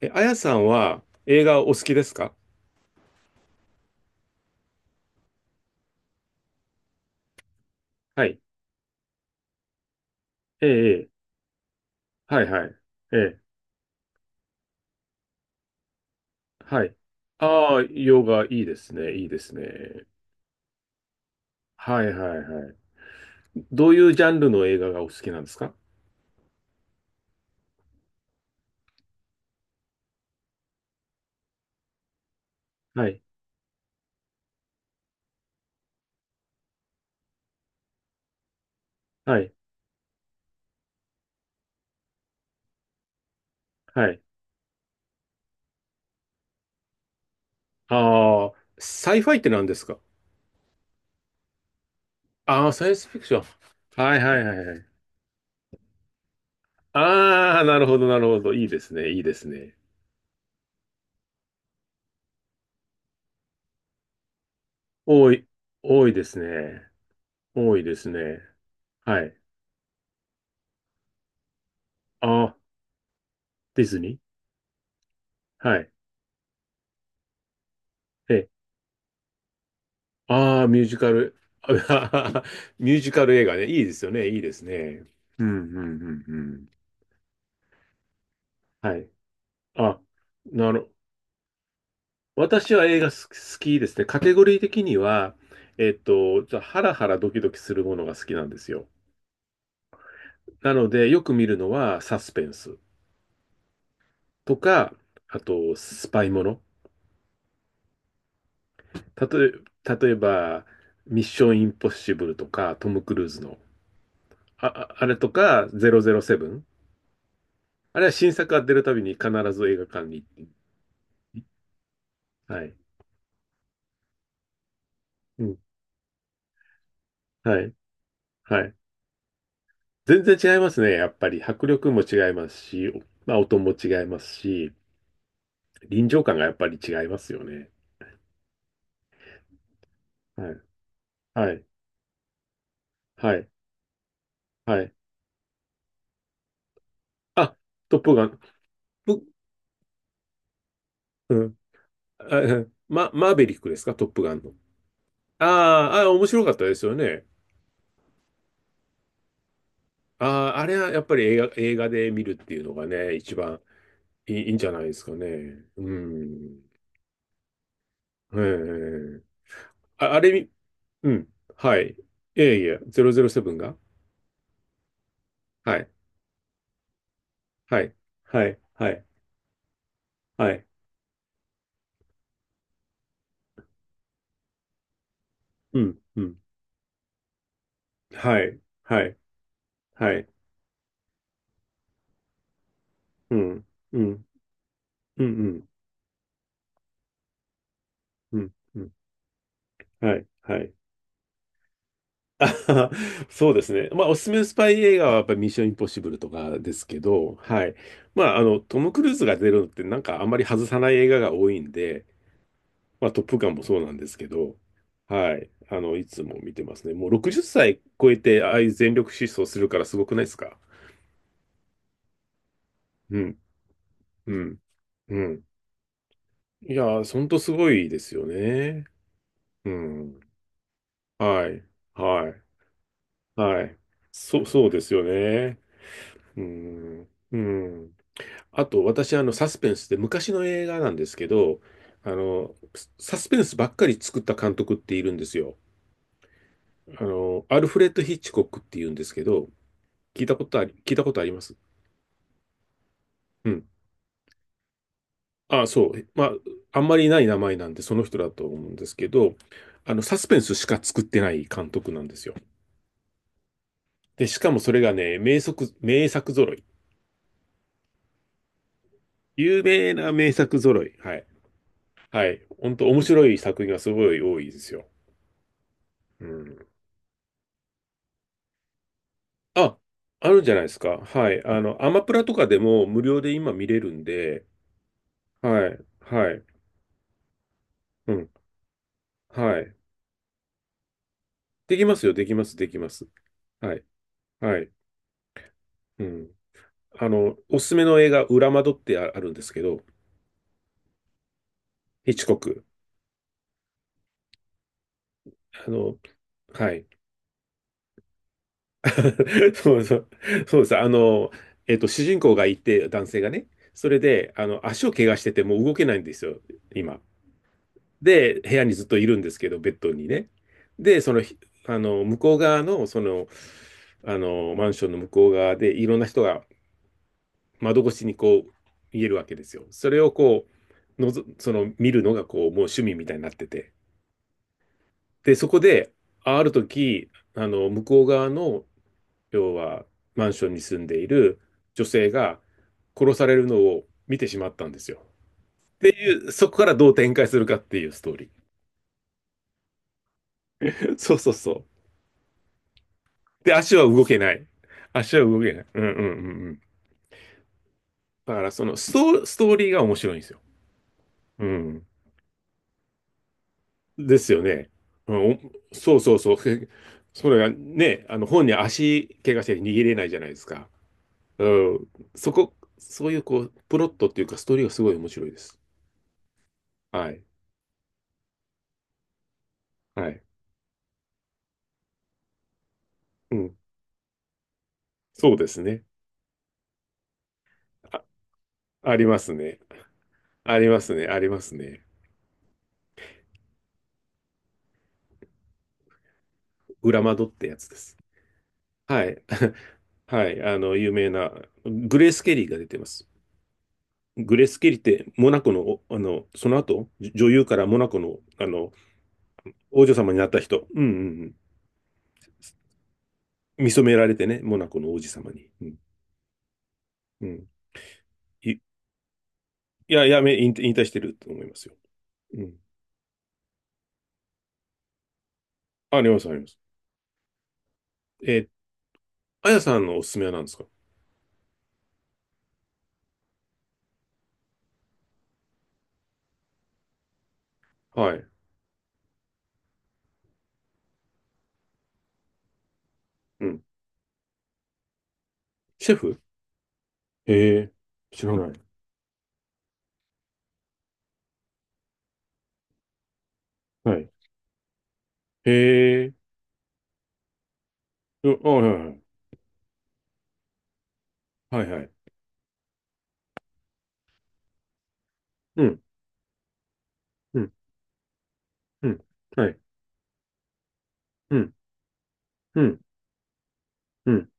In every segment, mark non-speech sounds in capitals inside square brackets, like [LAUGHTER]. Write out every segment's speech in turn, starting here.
え、あやさんは映画お好きですか？はい。ええ、ええ。はい、はい。ええ、はい。ああ、洋画いいですね、いいですね。はい、はい、はい。どういうジャンルの映画がお好きなんですか？はい、はい、はい。ああ、サイファイって何ですか？ああ、サイエンスフィクション。はいはいはいはい。ああ、なるほどなるほど。いいですね、いいですね。多い、多いですね。多いですね。はい。ああ、ディズニー。はい。え。ああ、ミュージカル、あ。 [LAUGHS] ミュージカル映画ね。いいですよね。いいですね。うん、うん、うん、うん。はい。あ、なる。私は映画す好きですね。カテゴリー的には、じゃあハラハラドキドキするものが好きなんですよ。なので、よく見るのはサスペンスとか、あと、スパイもの。たとえ、例えば、ミッションインポッシブルとか、トム・クルーズの、あれとか、007。あれは新作が出るたびに必ず映画館に行って。はい。うん。はい。はい。全然違いますね。やっぱり迫力も違いますし、まあ、音も違いますし、臨場感がやっぱり違いますよね。はい。はい。はい。はい。あ、トップガン。ぶ。うん。マーベリックですかトップガンの？あーあー、面白かったですよね。ああ、あれはやっぱり映画で見るっていうのがね、一番いい、いいんじゃないですかね。うん。ええ。あ、あれみ、うん。はい。いやいや、ゼロゼロセブンが。はい。はい。はい。はい。はい。うん。うん。はい。はい。はい。うん。うん。うん。うん。うん。はい。はい。[LAUGHS] あはは。そうですね。まあ、おすすめのスパイ映画はやっぱりミッションインポッシブルとかですけど、はい。まあ、あの、トム・クルーズが出るのってなんかあんまり外さない映画が多いんで、まあ、トップガンもそうなんですけど、はい。あの、いつも見てますね。もう60歳超えて、ああいう全力疾走するからすごくないですか？うん、うん、うん。いやー、ほんとすごいですよね。うん。はい、はい、はい。そうですよね。うん、うん。あと、私、あの、サスペンスって昔の映画なんですけど、あの、サスペンスばっかり作った監督っているんですよ。あの、アルフレッド・ヒッチコックっていうんですけど、聞いたことあります。うん。あ、そう。まあ、あんまりない名前なんで、その人だと思うんですけど、あの、サスペンスしか作ってない監督なんですよ。で、しかもそれがね、名作揃い。有名な名作揃い。はい。はい。本当面白い作品がすごい多いですよ。うん。あ、あるんじゃないですか。はい。あの、アマプラとかでも無料で今見れるんで、はい。はい。うん。はい。できますよ。できます。できます。はい。はい。うん。あの、おすすめの映画、裏窓ってああるんですけど、ヒッチコック。あの、はい。[LAUGHS] そうそう、そうです。主人公がいて、男性がね、それで、あの、足を怪我してて、もう動けないんですよ、今。で、部屋にずっといるんですけど、ベッドにね。で、その、ひあの、向こう側の、マンションの向こう側で、いろんな人が窓越しにこう、見えるわけですよ。それをこう、のぞ、その、見るのが、こう、もう趣味みたいになってて。で、そこで、ある時、あの、向こう側の、要は、マンションに住んでいる女性が殺されるのを見てしまったんですよ。っていう、そこからどう展開するかっていうストーリー。[LAUGHS] そうそうそう。で、足は動けない。足は動けない。うんうんうんうん。だから、ストーリーが面白いんですよ。うん。ですよね。うん、お。そうそうそう。[LAUGHS] それがね、あの、本に足怪我して逃げれないじゃないですか。うん。そこ、そういうこう、プロットっていうか、ストーリーがすごい面白いです。はい。はい。うん。そうですね。あ、ありますね。ありますね。ありますね。裏窓ってやつです。はい。[LAUGHS] はい。あの、有名な、グレース・ケリーが出てます。グレース・ケリーって、モナコの、お、あの、その後、女優からモナコの、あの、王女様になった人。うんうんうん。見初められてね、モナコの王子様に。うん。うん。い、いや、やめ、引退引退してると思いますよ。うん。あります、あります。えー、あやさんのおすすめは何ですか？はい。うん。シェフ。へえ、知らない。はい。へえ。うあ、はいはい。はいはい。うん、うん、うん。はい。うん、うん、うん、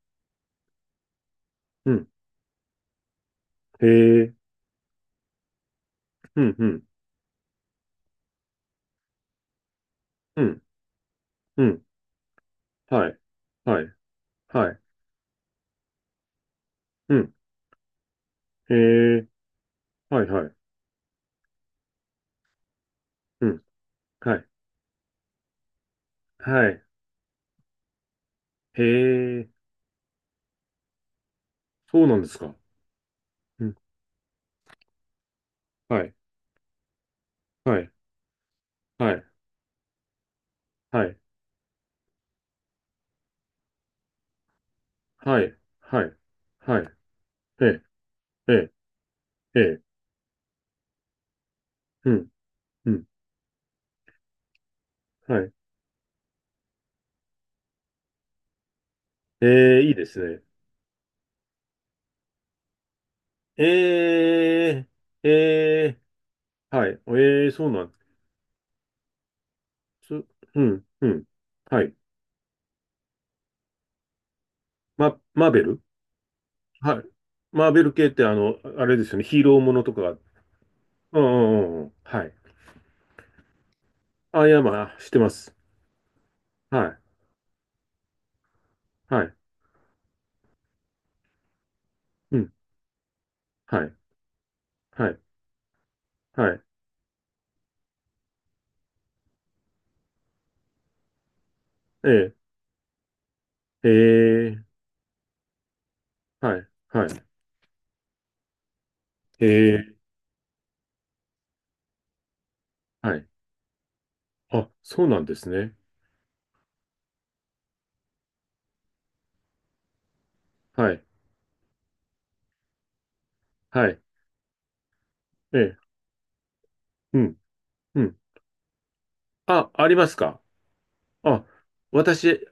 うん。へえ、うん、うん、うん、うん。はい。はい。はい。うん。へえ、はいはい。うん。はい。はい。へえ、そうなんですか？うん。はい。はい。はい。はい。はい。はい。はい。ええ、ええ、ええ。うん。うん。はい。ええ、いいですね。ええ、ええ、はい。ええ、そうなんです。うん、うん。はい。マーベル。はい。マーベル系って、あの、あれですよね。ヒーローものとかが。うんうんうんうん。はい。あ、いや、まあ、してます。はい。はい。うん。はい。はい。はい。ええ、ええ、はい。はい。ええ、はい。あ、そうなんですね。はい。はい。ええ、うん。うん。あ、ありますか？あ、私、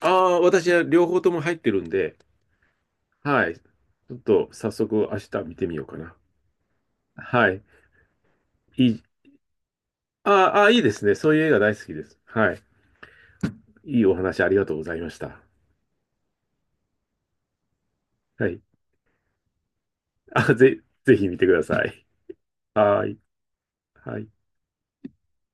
あ。あ私は両方とも入ってるんで、はい。ちょっと早速明日見てみようかな。はい。いい、あ。あいいですね。そういう映画大好きです。はい。いいお話ありがとうございました。はい。あ、ぜひ見てください。はい。はい。